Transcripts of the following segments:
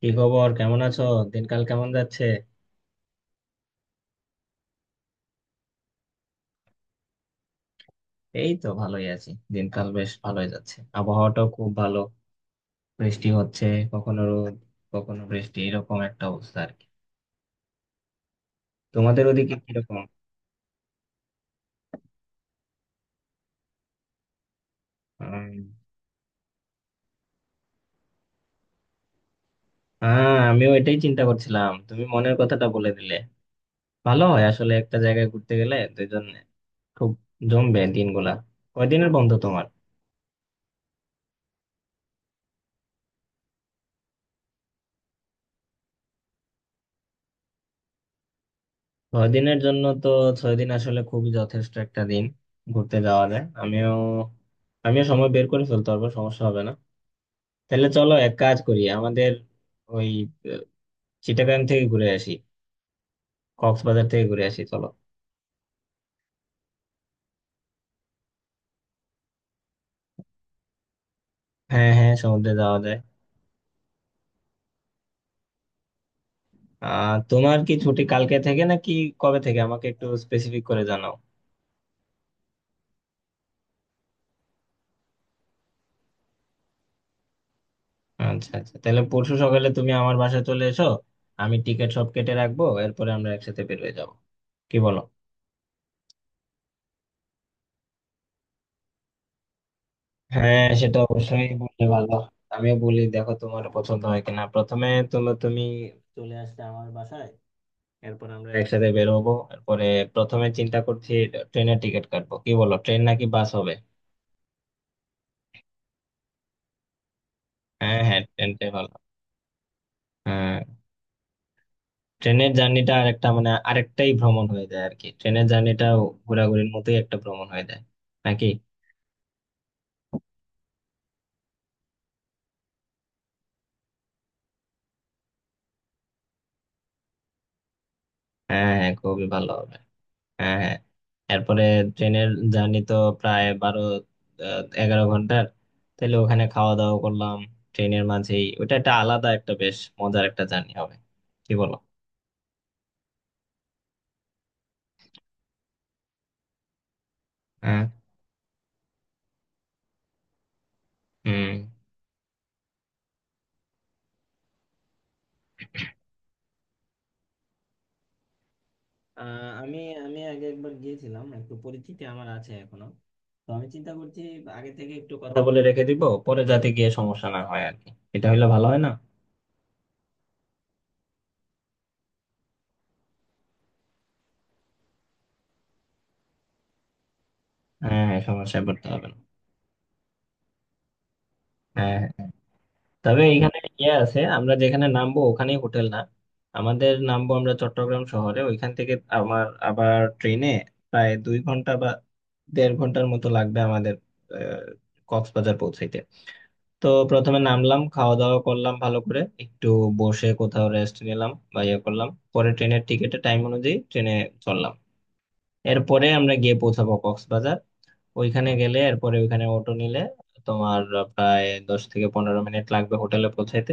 কি খবর, কেমন আছো? দিনকাল কেমন যাচ্ছে? এই তো ভালোই আছি। দিনকাল বেশ ভালোই যাচ্ছে, আবহাওয়াটাও খুব ভালো। বৃষ্টি হচ্ছে, কখনো রোদ, কখনো বৃষ্টি, এরকম একটা অবস্থা আর কি। তোমাদের ওদিকে কিরকম? উম, হ্যাঁ, আমিও এটাই চিন্তা করছিলাম, তুমি মনের কথাটা বলে দিলে। ভালো হয় আসলে একটা জায়গায় ঘুরতে গেলে দুইজন। খুব জমবে দিনগুলা। কয়দিনের বন্ধ তোমার? 6 দিনের জন্য তো? 6 দিন আসলে খুবই যথেষ্ট একটা দিন ঘুরতে যাওয়া যায়। আমিও, আমিও সময় বের করে ফেলতে পারবো, সমস্যা হবে না। তাহলে চলো এক কাজ করি, আমাদের ওই, আহ, চিটাগাং থেকে ঘুরে আসি, কক্সবাজার থেকে ঘুরে আসি চলো। হ্যাঁ হ্যাঁ, সমুদ্রে যাওয়া যায়। তোমার কি ছুটি কালকে থেকে নাকি? কবে থেকে আমাকে একটু স্পেসিফিক করে জানাও। আচ্ছা আচ্ছা, তাহলে পরশু সকালে তুমি আমার বাসায় চলে এসো। আমি টিকিট সব কেটে রাখবো, এরপরে আমরা একসাথে বের হয়ে যাবো। কি বলো? হ্যাঁ, সেটা অবশ্যই বললে ভালো। আমিও বলি, দেখো তোমার পছন্দ হয় কিনা। প্রথমে তুমি তুমি চলে আসলে আমার বাসায়, এরপর আমরা একসাথে বের হবো। এরপরে প্রথমে চিন্তা করছি ট্রেনের টিকিট কাটবো, কি বলো? ট্রেন নাকি বাস হবে? হ্যাঁ হ্যাঁ, ট্রেনটাই ভালো। হ্যাঁ। ট্রেনের জার্নিটা আরেকটা, মানে আরেকটাই ভ্রমণ হয়ে যায় আর কি, ট্রেনের জার্নিটা ঘোরাঘুরির মতোই একটা ভ্রমণ হয়ে যায়, নাকি? হ্যাঁ হ্যাঁ, খুবই ভালো হবে। হ্যাঁ হ্যাঁ। এরপরে ট্রেনের জার্নি তো প্রায় 12, 11 ঘন্টার। তাহলে ওখানে খাওয়া দাওয়া করলাম ট্রেনের মাঝেই, ওটা একটা আলাদা, একটা বেশ মজার একটা জার্নি হবে। কি বলো? হ্যাঁ। হুম। আমি, আমি আগে একবার গিয়েছিলাম, একটু পরিচিতি আমার আছে এখনো। তো আমি চিন্তা করছি আগে থেকে একটু কথা বলে রেখে দিব, পরে যাতে গিয়ে সমস্যা না হয় আর কি। এটা হলে ভালো হয় না? হ্যাঁ হ্যাঁ, সমস্যায় পড়তে হবে না। হ্যাঁ হ্যাঁ। হ্যাঁ। তবে এখানে ইয়ে আছে, আমরা যেখানে নামবো ওখানেই হোটেল না। আমাদের নামবো আমরা চট্টগ্রাম শহরে, ওইখান থেকে আমার আবার ট্রেনে প্রায় 2 ঘন্টা বা 1.5 ঘন্টার মতো লাগবে আমাদের, আহ, কক্সবাজার পৌঁছাইতে। তো প্রথমে নামলাম, খাওয়া দাওয়া করলাম ভালো করে, একটু বসে কোথাও রেস্ট নিলাম বা ইয়ে করলাম। পরে ট্রেনের টিকিটের টাইম অনুযায়ী ট্রেনে চললাম। এরপরে আমরা গিয়ে পৌঁছাবো কক্সবাজার। ওইখানে গেলে এরপরে ওইখানে অটো নিলে তোমার প্রায় 10 থেকে 15 মিনিট লাগবে হোটেলে পৌঁছাইতে।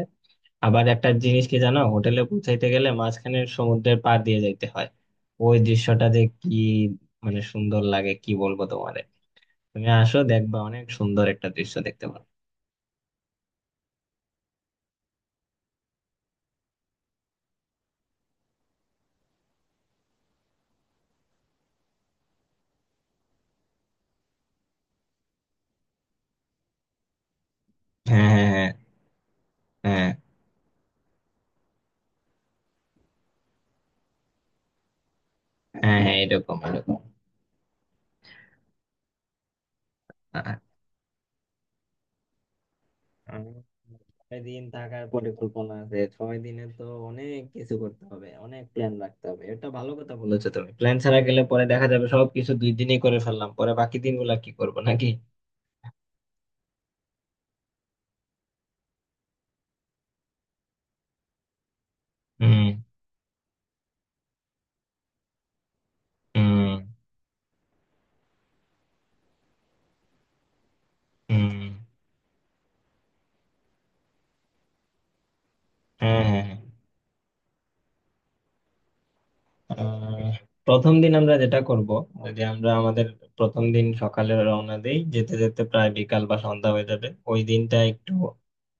আবার একটা জিনিস কি জানো, হোটেলে পৌঁছাইতে গেলে মাঝখানে সমুদ্রের পাড় দিয়ে যাইতে হয়। ওই দৃশ্যটা যে কি মানে সুন্দর লাগে, কি বলবো তোমারে। তুমি আসো, দেখবা অনেক সুন্দর একটা দৃশ্য দেখতে পারো। হ্যাঁ হ্যাঁ হ্যাঁ। হ্যাঁ। হ্যাঁ হ্যাঁ, এরকম এরকম। আহ, আহ, ছয় দিন থাকার পরিকল্পনা আছে, ছয় দিনে তো অনেক কিছু করতে হবে, অনেক প্ল্যান রাখতে হবে। এটা ভালো কথা বলেছো তুমি, প্ল্যান ছাড়া গেলে পরে দেখা যাবে সবকিছু 2 দিনেই করে ফেললাম, পরে বাকি দিনগুলা কি করবো নাকি। হুম হুম হুম। হ্যাঁ হ্যাঁ হ্যাঁ। আহ, প্রথম দিন আমরা যেটা করব যে আমরা আমাদের প্রথম দিন সকালে রওনা দেই, যেতে যেতে প্রায় বিকাল বা সন্ধ্যা হয়ে যাবে। ওই দিনটা একটু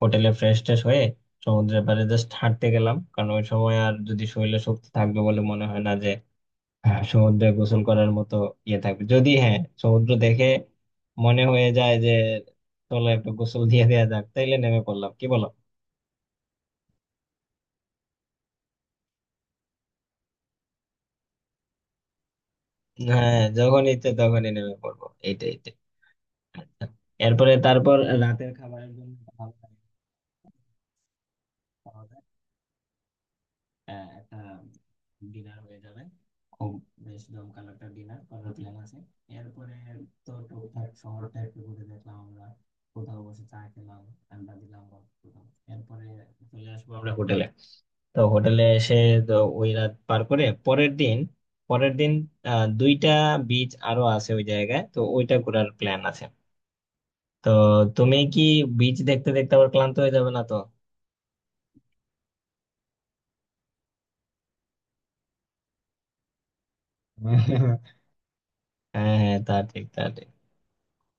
হোটেলে ফ্রেশ ট্রেশ হয়ে সমুদ্রের পাড়ে জাস্ট হাঁটতে গেলাম, কারণ ওই সময় আর যদি শরীরে শক্তি থাকবে বলে মনে হয় না যে সমুদ্রে গোসল করার মতো ইয়ে থাকবে। যদি হ্যাঁ, সমুদ্র দেখে মনে হয়ে যায় যে চলো একটু গোসল দিয়ে দেওয়া যাক, তাইলে নেমে পড়লাম, কি বলো? হ্যাঁ, যখন ইচ্ছে তখনই নেমে পড়বো, এইটাই। এরপরে তারপর রাতের খাবারের জন্য একটা ভালো তারিখ পাওয়া যায়, একটা ডিনার হয়ে যাবে। খুব বেশ জমকালো একটা ডিনার করার প্ল্যান আছে। এরপরে তো টুকটাক শহরটা একটু ঘুরে দেখলাম আমরা, কোথাও বসে চা খেলাম, আড্ডা দিলাম বা কোথাও। এরপরে চলে আসবো আমরা হোটেলে। তো হোটেলে এসে, তো ওই রাত পার করে পরের দিন, দুইটা বিচ আরো আছে ওই জায়গায়, তো ওইটা ঘোরার প্ল্যান আছে। তো তুমি কি বিচ দেখতে দেখতে আবার ক্লান্ত হয়ে যাবে না তো? হ্যাঁ হ্যাঁ, তা ঠিক তা ঠিক।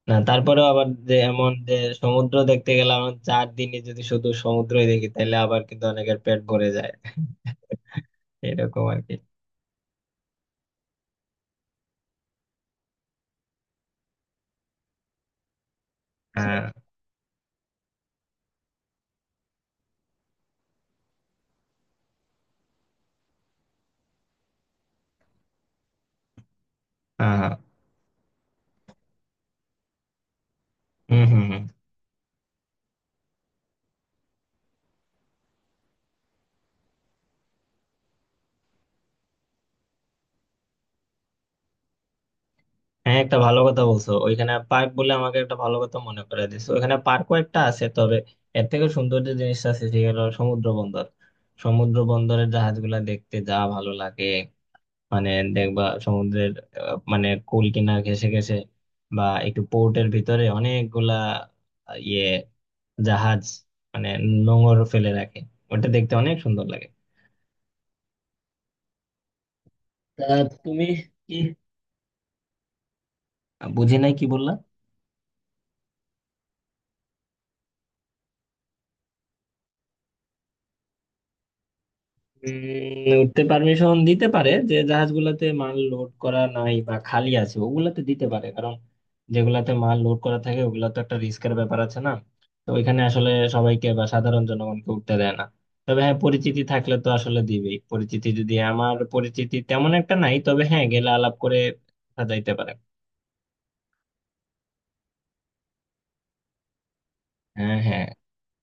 না, তারপরেও আবার যে এমন যে সমুদ্র দেখতে গেলাম, 4 দিনে যদি শুধু সমুদ্রই দেখি তাহলে আবার কিন্তু অনেকের পেট ভরে যায়। এরকম আর কি। হ্যাঁ হ্যাঁ হ্যাঁ। হম হম হম। হ্যাঁ, একটা ভালো কথা বলছো, ওইখানে পার্ক বলে আমাকে একটা ভালো কথা মনে করে দিছো। ওইখানে পার্কও একটা আছে, তবে এর থেকে সুন্দর যে জিনিসটা আছে সেটা হলো সমুদ্র বন্দর। সমুদ্র বন্দরের জাহাজগুলা দেখতে যা ভালো লাগে, মানে দেখবা সমুদ্রের মানে কুল কিনার ঘেঁষে ঘেঁষে বা একটু পোর্টের ভিতরে অনেকগুলা ইয়ে জাহাজ মানে নোঙর ফেলে রাখে। ওটা দেখতে অনেক সুন্দর লাগে। তা তুমি কি বুঝি নাই কি বললা। উঠতে পারমিশন দিতে পারে, যে জাহাজগুলাতে মাল লোড করা নাই বা খালি আছে ওগুলাতে দিতে পারে, কারণ যেগুলাতে মাল লোড করা থাকে ওগুলা তো একটা রিস্কের ব্যাপার আছে না। তো ওইখানে আসলে সবাইকে বা সাধারণ জনগণকে উঠতে দেয় না। তবে হ্যাঁ, পরিচিতি থাকলে তো আসলে দিবেই, পরিচিতি যদি, আমার পরিচিতি তেমন একটা নাই, তবে হ্যাঁ গেলে আলাপ করে যাইতে পারে। হ্যাঁ হ্যাঁ,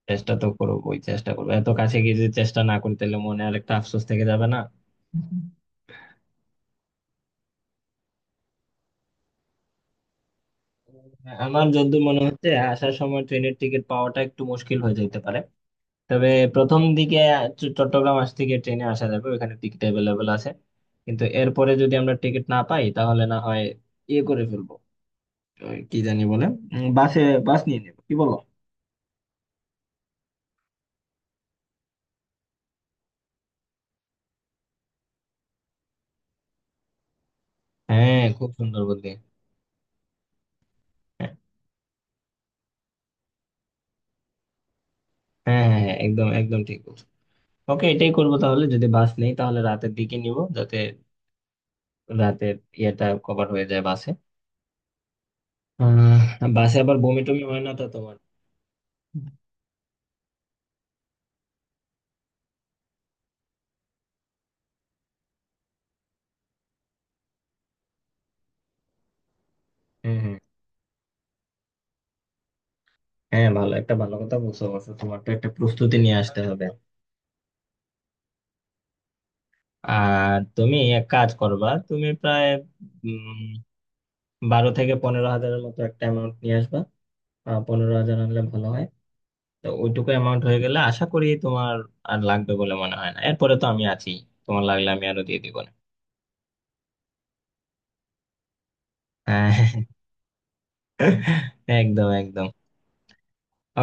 চেষ্টা তো করবোই, চেষ্টা করবো। এত কাছে গিয়ে যদি চেষ্টা না করি তাহলে মনে আর একটা আফসোস থেকে যাবে না। আমার যতদূর মনে হচ্ছে আসার সময় ট্রেনের টিকিট পাওয়াটা একটু মুশকিল হয়ে যেতে পারে। তবে প্রথম দিকে চট্টগ্রাম আসতে গিয়ে ট্রেনে আসা যাবে, ওখানে টিকিট অ্যাভেলেবেল আছে। কিন্তু এরপরে যদি আমরা টিকিট না পাই তাহলে না হয় ইয়ে করে ফেলবো, ওই কি জানি বলে, বাসে, বাস নিয়ে নেবো, কি বলো? হ্যাঁ, খুব সুন্দর বুদ্ধি। হ্যাঁ হ্যাঁ হ্যাঁ, হ্যাঁ, একদম একদম ঠিক বলছো। ওকে, এটাই করবো তাহলে। যদি বাস নেই তাহলে রাতের দিকে নিব, যাতে রাতের ইয়েটা কভার হয়ে যায় বাসে। আহ, বাসে আবার বমি টমি হয় না তো তোমার? হ্যাঁ হ্যাঁ হ্যাঁ, ভালো, একটা ভালো কথা বলছো অবশ্য, তোমার তো একটা প্রস্তুতি নিয়ে আসতে হবে। আর তুমি এক কাজ করবা, তুমি প্রায় উম 12 থেকে 15 হাজারের মতো একটা অ্যামাউন্ট নিয়ে আসবা। 15 হাজার আনলে ভালো হয়। তো ওইটুকু অ্যামাউন্ট হয়ে গেলে আশা করি তোমার আর লাগবে বলে মনে হয় না। এরপরে তো আমি আছি, তোমার লাগলে আমি আরো দিয়ে দিব না। হ্যাঁ, একদম একদম।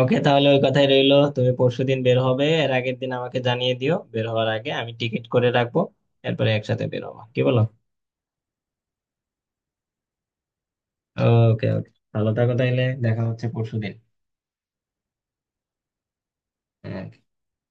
ওকে, তাহলে ওই কথাই রইলো। তুমি পরশুদিন বের হবে, এর আগের দিন আমাকে জানিয়ে দিও, বের হওয়ার আগে আমি টিকিট করে রাখবো। এরপরে একসাথে বের হবো, কি বলো? ওকে ওকে, ভালো থাকো তাইলে, দেখা হচ্ছে পরশুদিন। হ্যাঁ।